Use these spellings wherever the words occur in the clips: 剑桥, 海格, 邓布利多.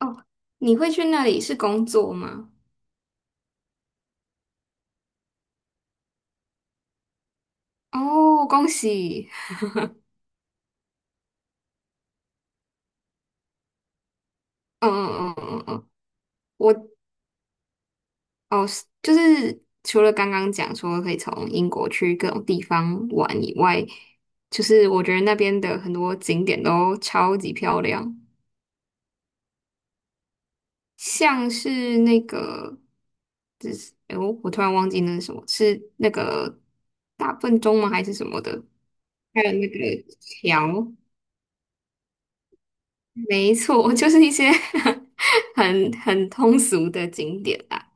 哦，你会去那里是工作吗？哦，恭喜！嗯嗯嗯嗯嗯。我哦，是就是除了刚刚讲说可以从英国去各种地方玩以外，就是我觉得那边的很多景点都超级漂亮。像是那个，我突然忘记那是什么，是那个大笨钟吗？还是什么的？还有那个桥。没错，就是一些 很通俗的景点啦。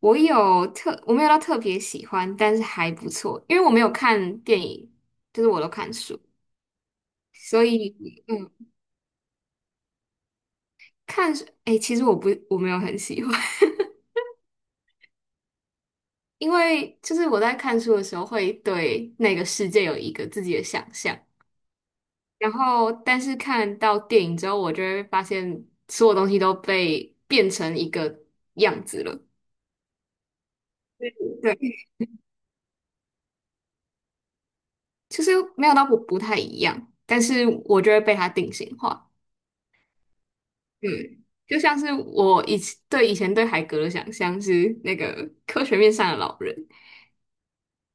我没有到特别喜欢，但是还不错，因为我没有看电影，就是我都看书。所以嗯，看书，哎，其实我不，我没有很喜欢。因为就是我在看书的时候会对那个世界有一个自己的想象，然后但是看到电影之后，我就会发现所有东西都被变成一个样子了。对。其实没有到不太一样，但是我就会被它定型化。嗯，就像是我以前对海格的想象是那个科学面上的老人。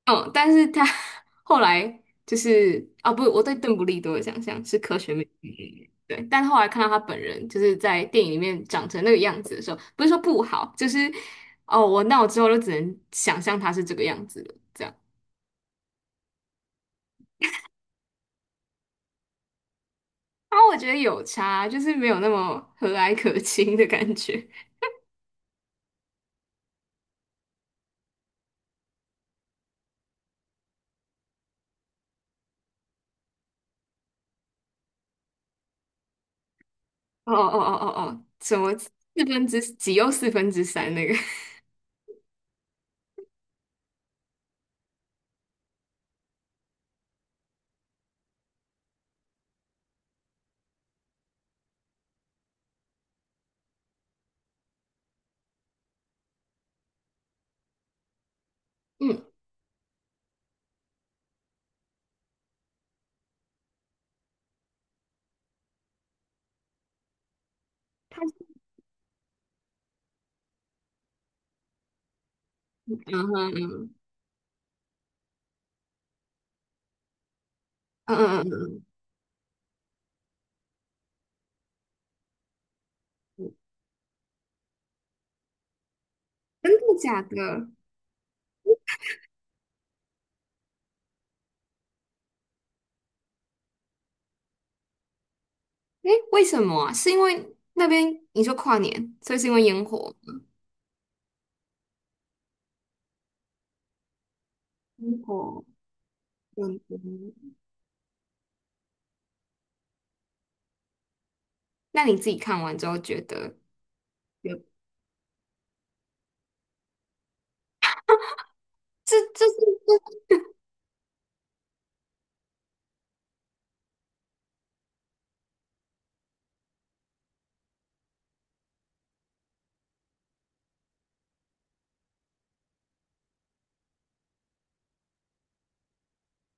嗯，但是他 后来就是啊，不，我对邓布利多的想象是科学面上的老人。对，但后来看到他本人就是在电影里面长成那个样子的时候，不是说不好，就是哦，我那我之后就只能想象他是这个样子的，这样。啊，我觉得有差，就是没有那么和蔼可亲的感觉。哦哦哦哦哦，什么四分之几又四分之三那个？嗯，它是嗯哼。嗯嗯嗯嗯。嗯。真的假的？诶，为什么啊？是因为那边你说跨年，所以是因为烟火，烟火。嗯。那你自己看完之后觉得有。这这是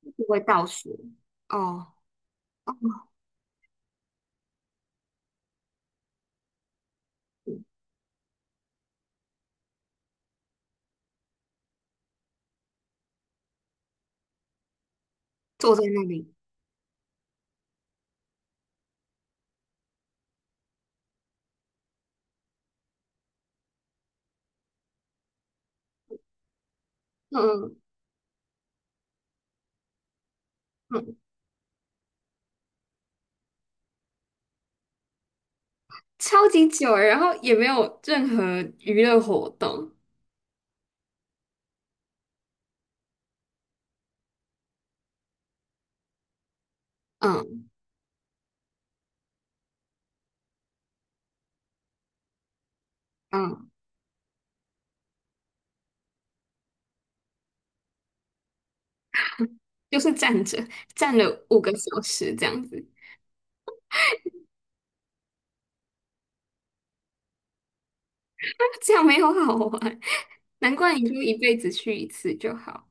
这是不会倒数哦。哦，坐在那里。嗯嗯嗯，超级久，然后也没有任何娱乐活动。嗯嗯。就是站着站了5个小时这样子。这样没有好玩。难怪你就一辈子去一次就好。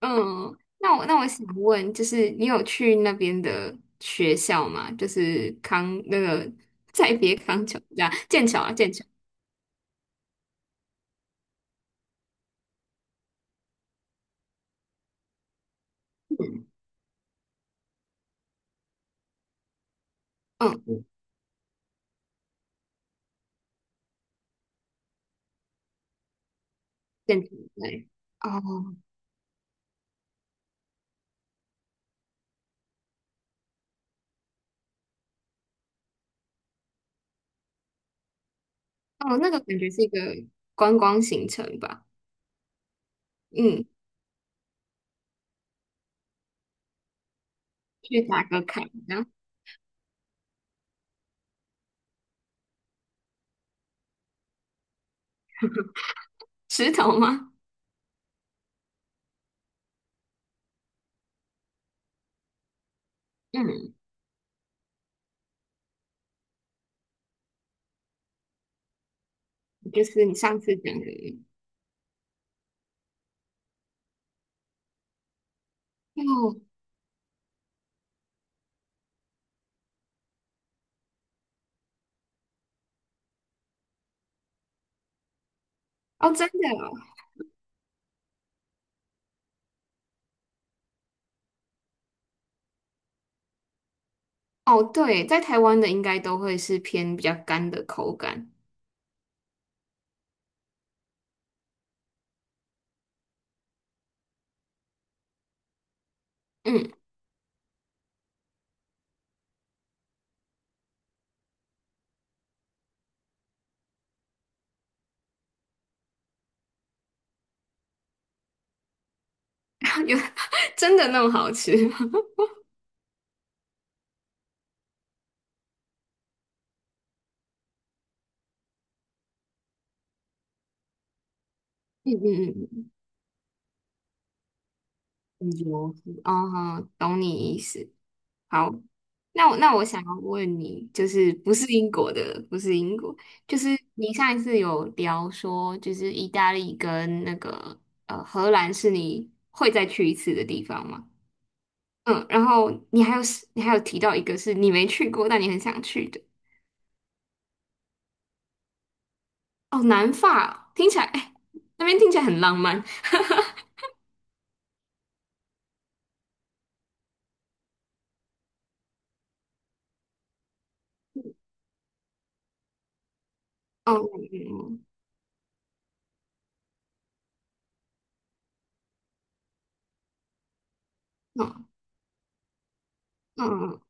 嗯。那我想问，就是你有去那边的学校吗？就是那个再别康桥这样剑桥啊，剑桥。嗯，嗯剑桥。对。哦哦，那个感觉是一个观光行程吧？嗯，去打个卡。然后石头吗？嗯，就是你上次讲的。哦哦，真的哦。哦，对，在台湾的应该都会是偏比较干的口感。嗯。有真的那么好吃。嗯嗯嗯。嗯哦，懂你意思。好。那我想要问你，就是不是英国的，不是英国，就是你上一次有聊说，就是意大利跟那个荷兰是你会再去一次的地方吗？嗯，然后你还有提到一个是你没去过，但你很想去的。哦，南法听起来，哎，那边听起来很浪漫。哦。嗯嗯嗯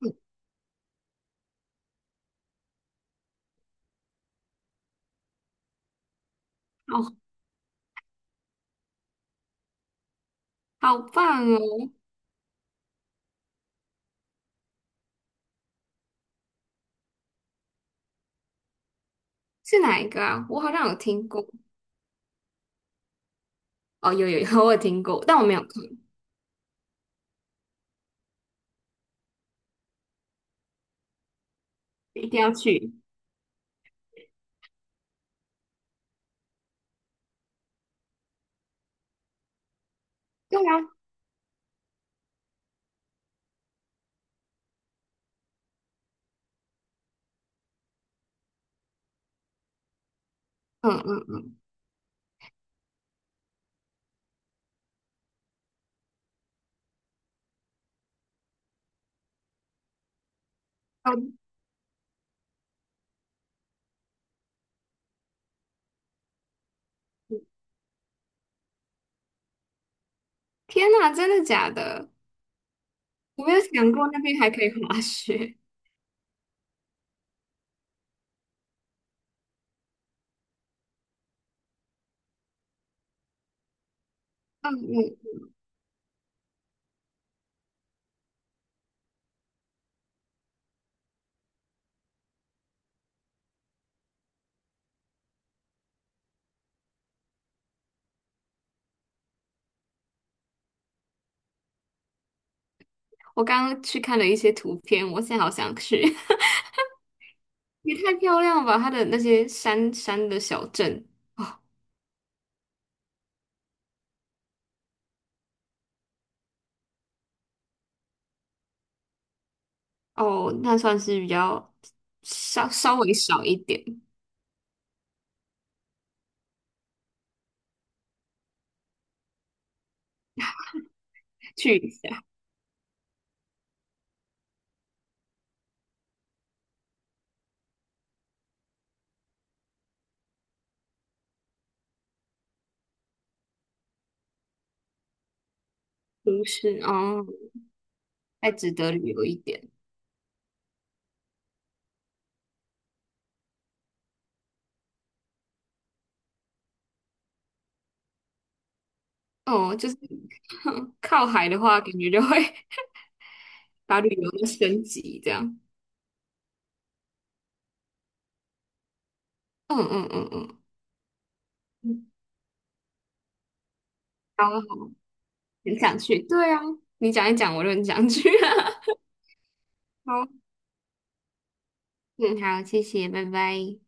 嗯。好好棒哦！是哪一个啊？我好像有听过。哦，有有有，我有听过，但我没有看。一定要去。对啊。嗯嗯嗯。哦，天哪，真的假的？我没有想过那边还可以滑雪。嗯嗯。我刚刚去看了一些图片，我现在好想去。也太漂亮了吧！它的那些山的小镇。哦，那算是比较稍微少一点。去一下都市哦，还值得旅游一点哦。就是 靠海的话，感觉就会 把旅游都升级这样。嗯嗯嗯嗯。嗯好，很想去。对啊，你讲一讲，我就很想去。好。嗯，好，谢谢，拜拜。